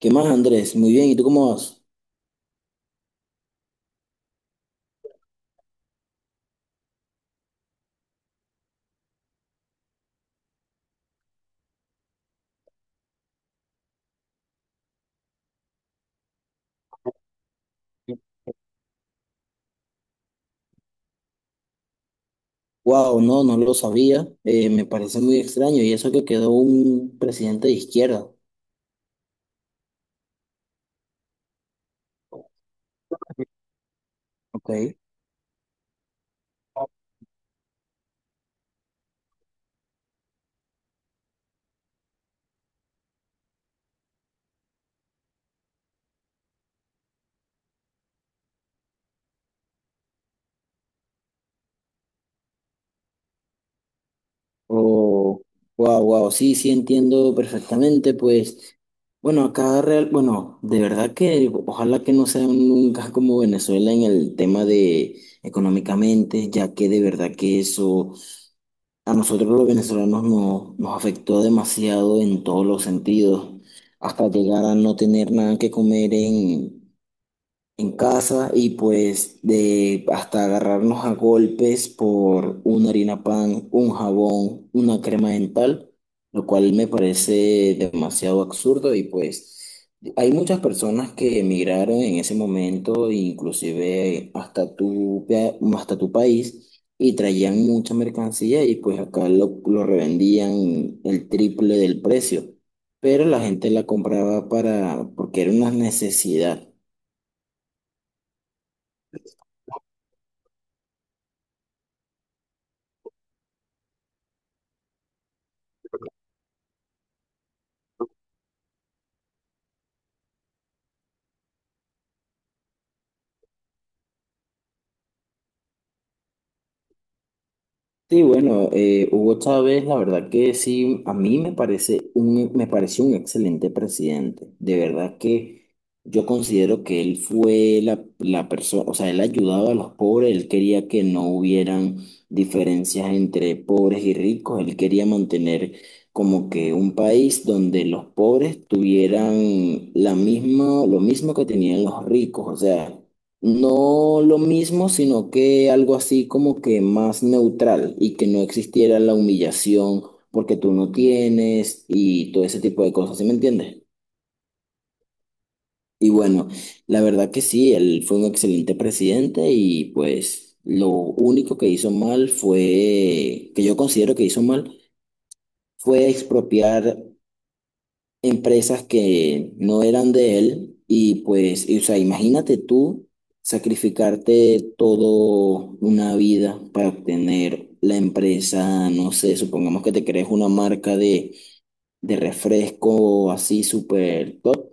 ¿Qué más, Andrés? Muy bien, ¿y tú cómo vas? Wow, no, no lo sabía. Me parece muy extraño. Y eso que quedó un presidente de izquierda. Ok. Oh, wow, wow, sí, sí entiendo perfectamente. Pues, bueno, acá real, bueno, de verdad que ojalá que no sea nunca como Venezuela en el tema de económicamente, ya que de verdad que eso. A nosotros los venezolanos nos afectó demasiado en todos los sentidos, hasta llegar a no tener nada que comer en casa y pues de hasta agarrarnos a golpes por una harina pan, un jabón, una crema dental, lo cual me parece demasiado absurdo y pues hay muchas personas que emigraron en ese momento, inclusive hasta tu país. Y traían mucha mercancía y pues acá lo revendían el triple del precio. Pero la gente la compraba porque era una necesidad. Sí, bueno, Hugo Chávez, la verdad que sí, a mí me pareció un excelente presidente. De verdad que yo considero que él fue la persona, o sea, él ayudaba a los pobres, él quería que no hubieran diferencias entre pobres y ricos, él quería mantener como que un país donde los pobres tuvieran la misma, lo mismo que tenían los ricos, o sea. No lo mismo, sino que algo así como que más neutral y que no existiera la humillación porque tú no tienes y todo ese tipo de cosas, ¿sí me entiendes? Y bueno, la verdad que sí, él fue un excelente presidente y pues lo único que hizo mal fue, que yo considero que hizo mal, fue expropiar empresas que no eran de él y pues, o sea, imagínate tú sacrificarte todo una vida para obtener la empresa, no sé, supongamos que te crees una marca de refresco así súper top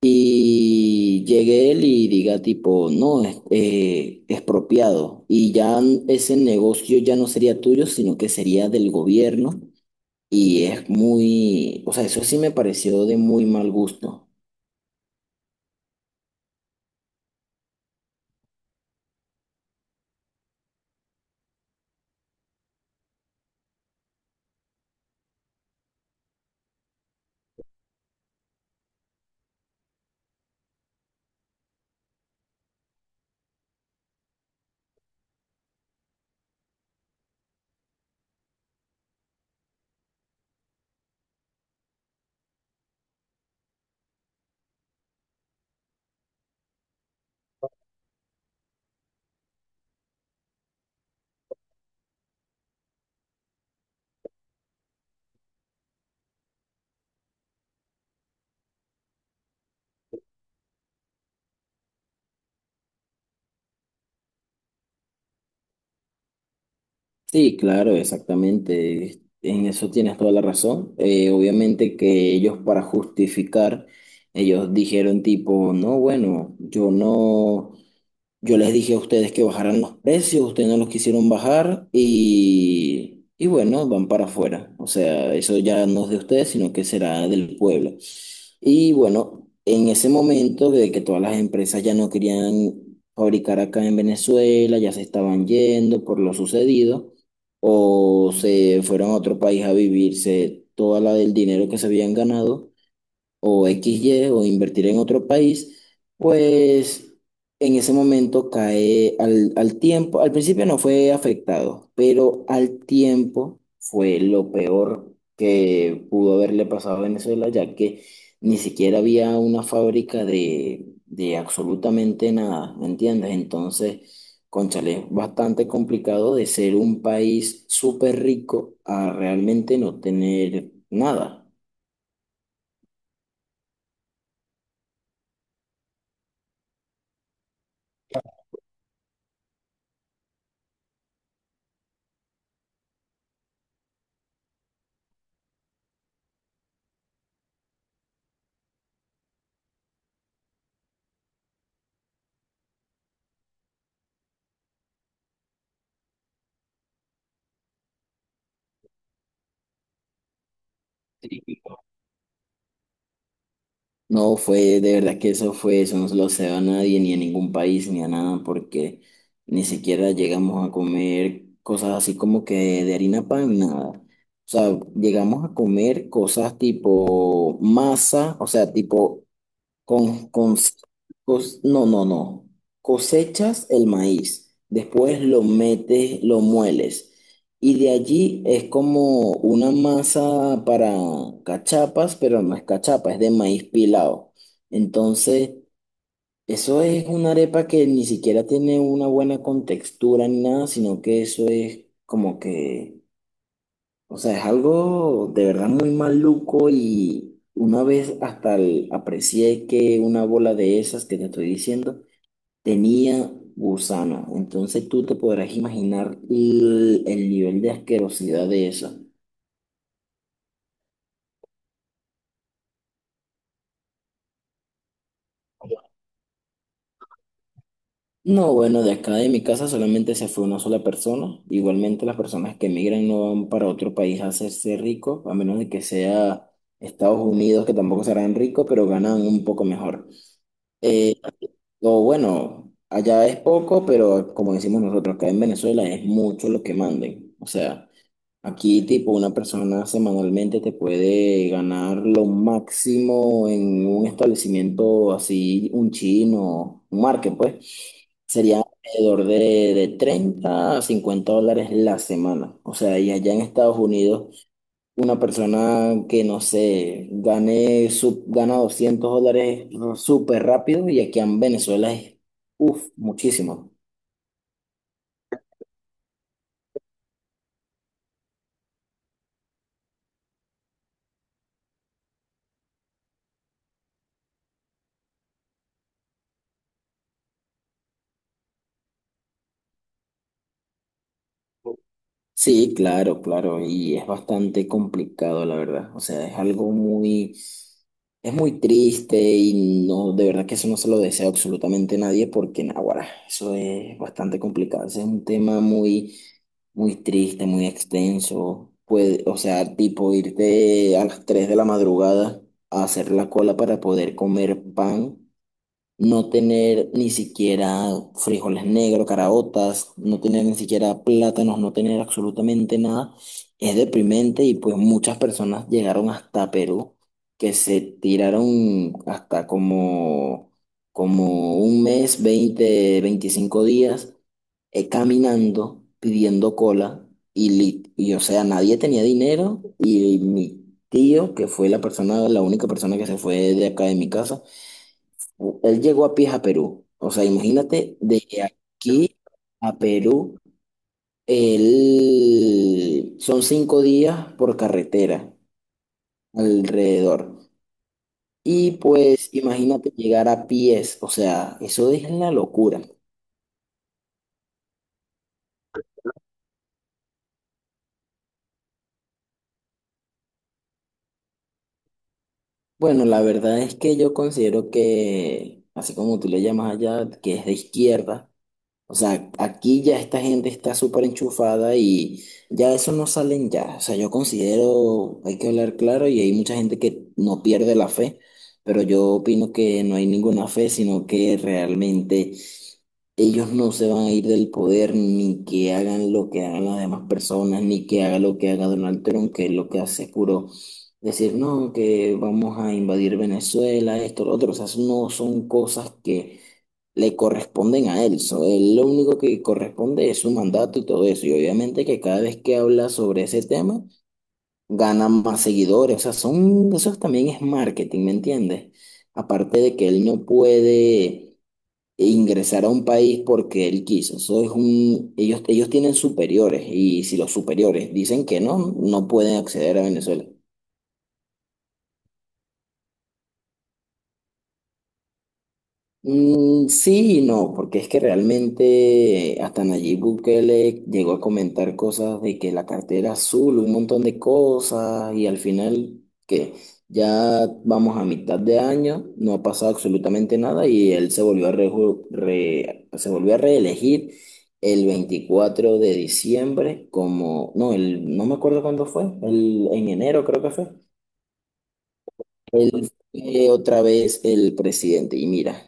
y llegue él y diga tipo, no, es expropiado y ya ese negocio ya no sería tuyo, sino que sería del gobierno y es muy, o sea, eso sí me pareció de muy mal gusto. Sí, claro, exactamente. En eso tienes toda la razón. Obviamente que ellos para justificar, ellos dijeron tipo, no, bueno, yo no. Yo les dije a ustedes que bajaran los precios, ustedes no los quisieron bajar y bueno, van para afuera. O sea, eso ya no es de ustedes, sino que será del pueblo. Y bueno, en ese momento de que todas las empresas ya no querían fabricar acá en Venezuela, ya se estaban yendo por lo sucedido, o se fueron a otro país a vivirse toda la del dinero que se habían ganado o x y o invertir en otro país, pues en ese momento cae al tiempo. Al principio no fue afectado, pero al tiempo fue lo peor que pudo haberle pasado a Venezuela, ya que ni siquiera había una fábrica de absolutamente nada, ¿me entiendes? Entonces, cónchale, es bastante complicado de ser un país súper rico a realmente no tener nada. Sí. No, fue de verdad que eso no se lo se a nadie, ni a ningún país, ni a nada, porque ni siquiera llegamos a comer cosas así como que de harina pan, nada. O sea, llegamos a comer cosas tipo masa, o sea, tipo con, con- no, no, no. Cosechas el maíz, después lo metes, lo mueles. Y de allí es como una masa para cachapas, pero no es cachapa, es de maíz pilado. Entonces, eso es una arepa que ni siquiera tiene una buena contextura ni nada, sino que eso es como que o sea, es algo de verdad muy maluco y una vez hasta aprecié que una bola de esas que te estoy diciendo tenía gusano. Entonces tú te podrás imaginar el nivel de asquerosidad de eso. No, bueno, de acá de mi casa solamente se fue una sola persona. Igualmente las personas que emigran no van para otro país a hacerse ricos, a menos de que sea Estados Unidos, que tampoco serán ricos, pero ganan un poco mejor. Eh, Lo bueno, allá es poco, pero como decimos nosotros, acá en Venezuela es mucho lo que manden. O sea, aquí tipo una persona semanalmente te puede ganar lo máximo en un establecimiento así, un chino, un market, pues, sería alrededor de $30 a $50 la semana. O sea, y allá en Estados Unidos una persona que, no sé, gana $200 súper rápido y aquí en Venezuela es, uff, muchísimo. Sí, claro, claro, y es bastante complicado, la verdad. O sea, es algo muy, es muy triste y no, de verdad que eso no se lo desea absolutamente nadie porque, naguará, eso es bastante complicado. Ese es un tema muy, muy triste, muy extenso. Puede, o sea, tipo irte a las 3 de la madrugada a hacer la cola para poder comer pan no tener ni siquiera frijoles negros, caraotas, no tener ni siquiera plátanos, no tener absolutamente nada, es deprimente y pues muchas personas llegaron hasta Perú, que se tiraron hasta como un mes, 20, 25 días caminando, pidiendo cola y o sea, nadie tenía dinero y mi tío, que fue la persona, la única persona que se fue de acá de mi casa, él llegó a pies a Perú. O sea, imagínate, de aquí a Perú, él- son 5 días por carretera alrededor. Y pues imagínate llegar a pies, o sea, eso es la locura. Bueno, la verdad es que yo considero que, así como tú le llamas allá, que es de izquierda, o sea, aquí ya esta gente está súper enchufada y ya eso no salen ya. O sea, yo considero, hay que hablar claro y hay mucha gente que no pierde la fe, pero yo opino que no hay ninguna fe, sino que realmente ellos no se van a ir del poder ni que hagan lo que hagan las demás personas, ni que haga lo que haga Donald Trump, que es lo que hace es puro decir, no, que vamos a invadir Venezuela, esto, lo otro. O sea, eso no son cosas que le corresponden a él. So, él lo único que corresponde es su mandato y todo eso. Y obviamente que cada vez que habla sobre ese tema, gana más seguidores. O sea, eso también es marketing, ¿me entiendes? Aparte de que él no puede e ingresar a un país porque él quiso. Ellos tienen superiores y si los superiores dicen que no, no pueden acceder a Venezuela. Mm, sí y no, porque es que realmente hasta Nayib Bukele llegó a comentar cosas de que la cartera azul, un montón de cosas, y al final que ya vamos a mitad de año, no ha pasado absolutamente nada y él se volvió a, reju- re- se volvió a reelegir el 24 de diciembre como, no, no me acuerdo cuándo fue, en enero creo que fue, él fue otra vez el presidente y mira,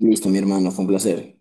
listo mi hermano, fue un placer.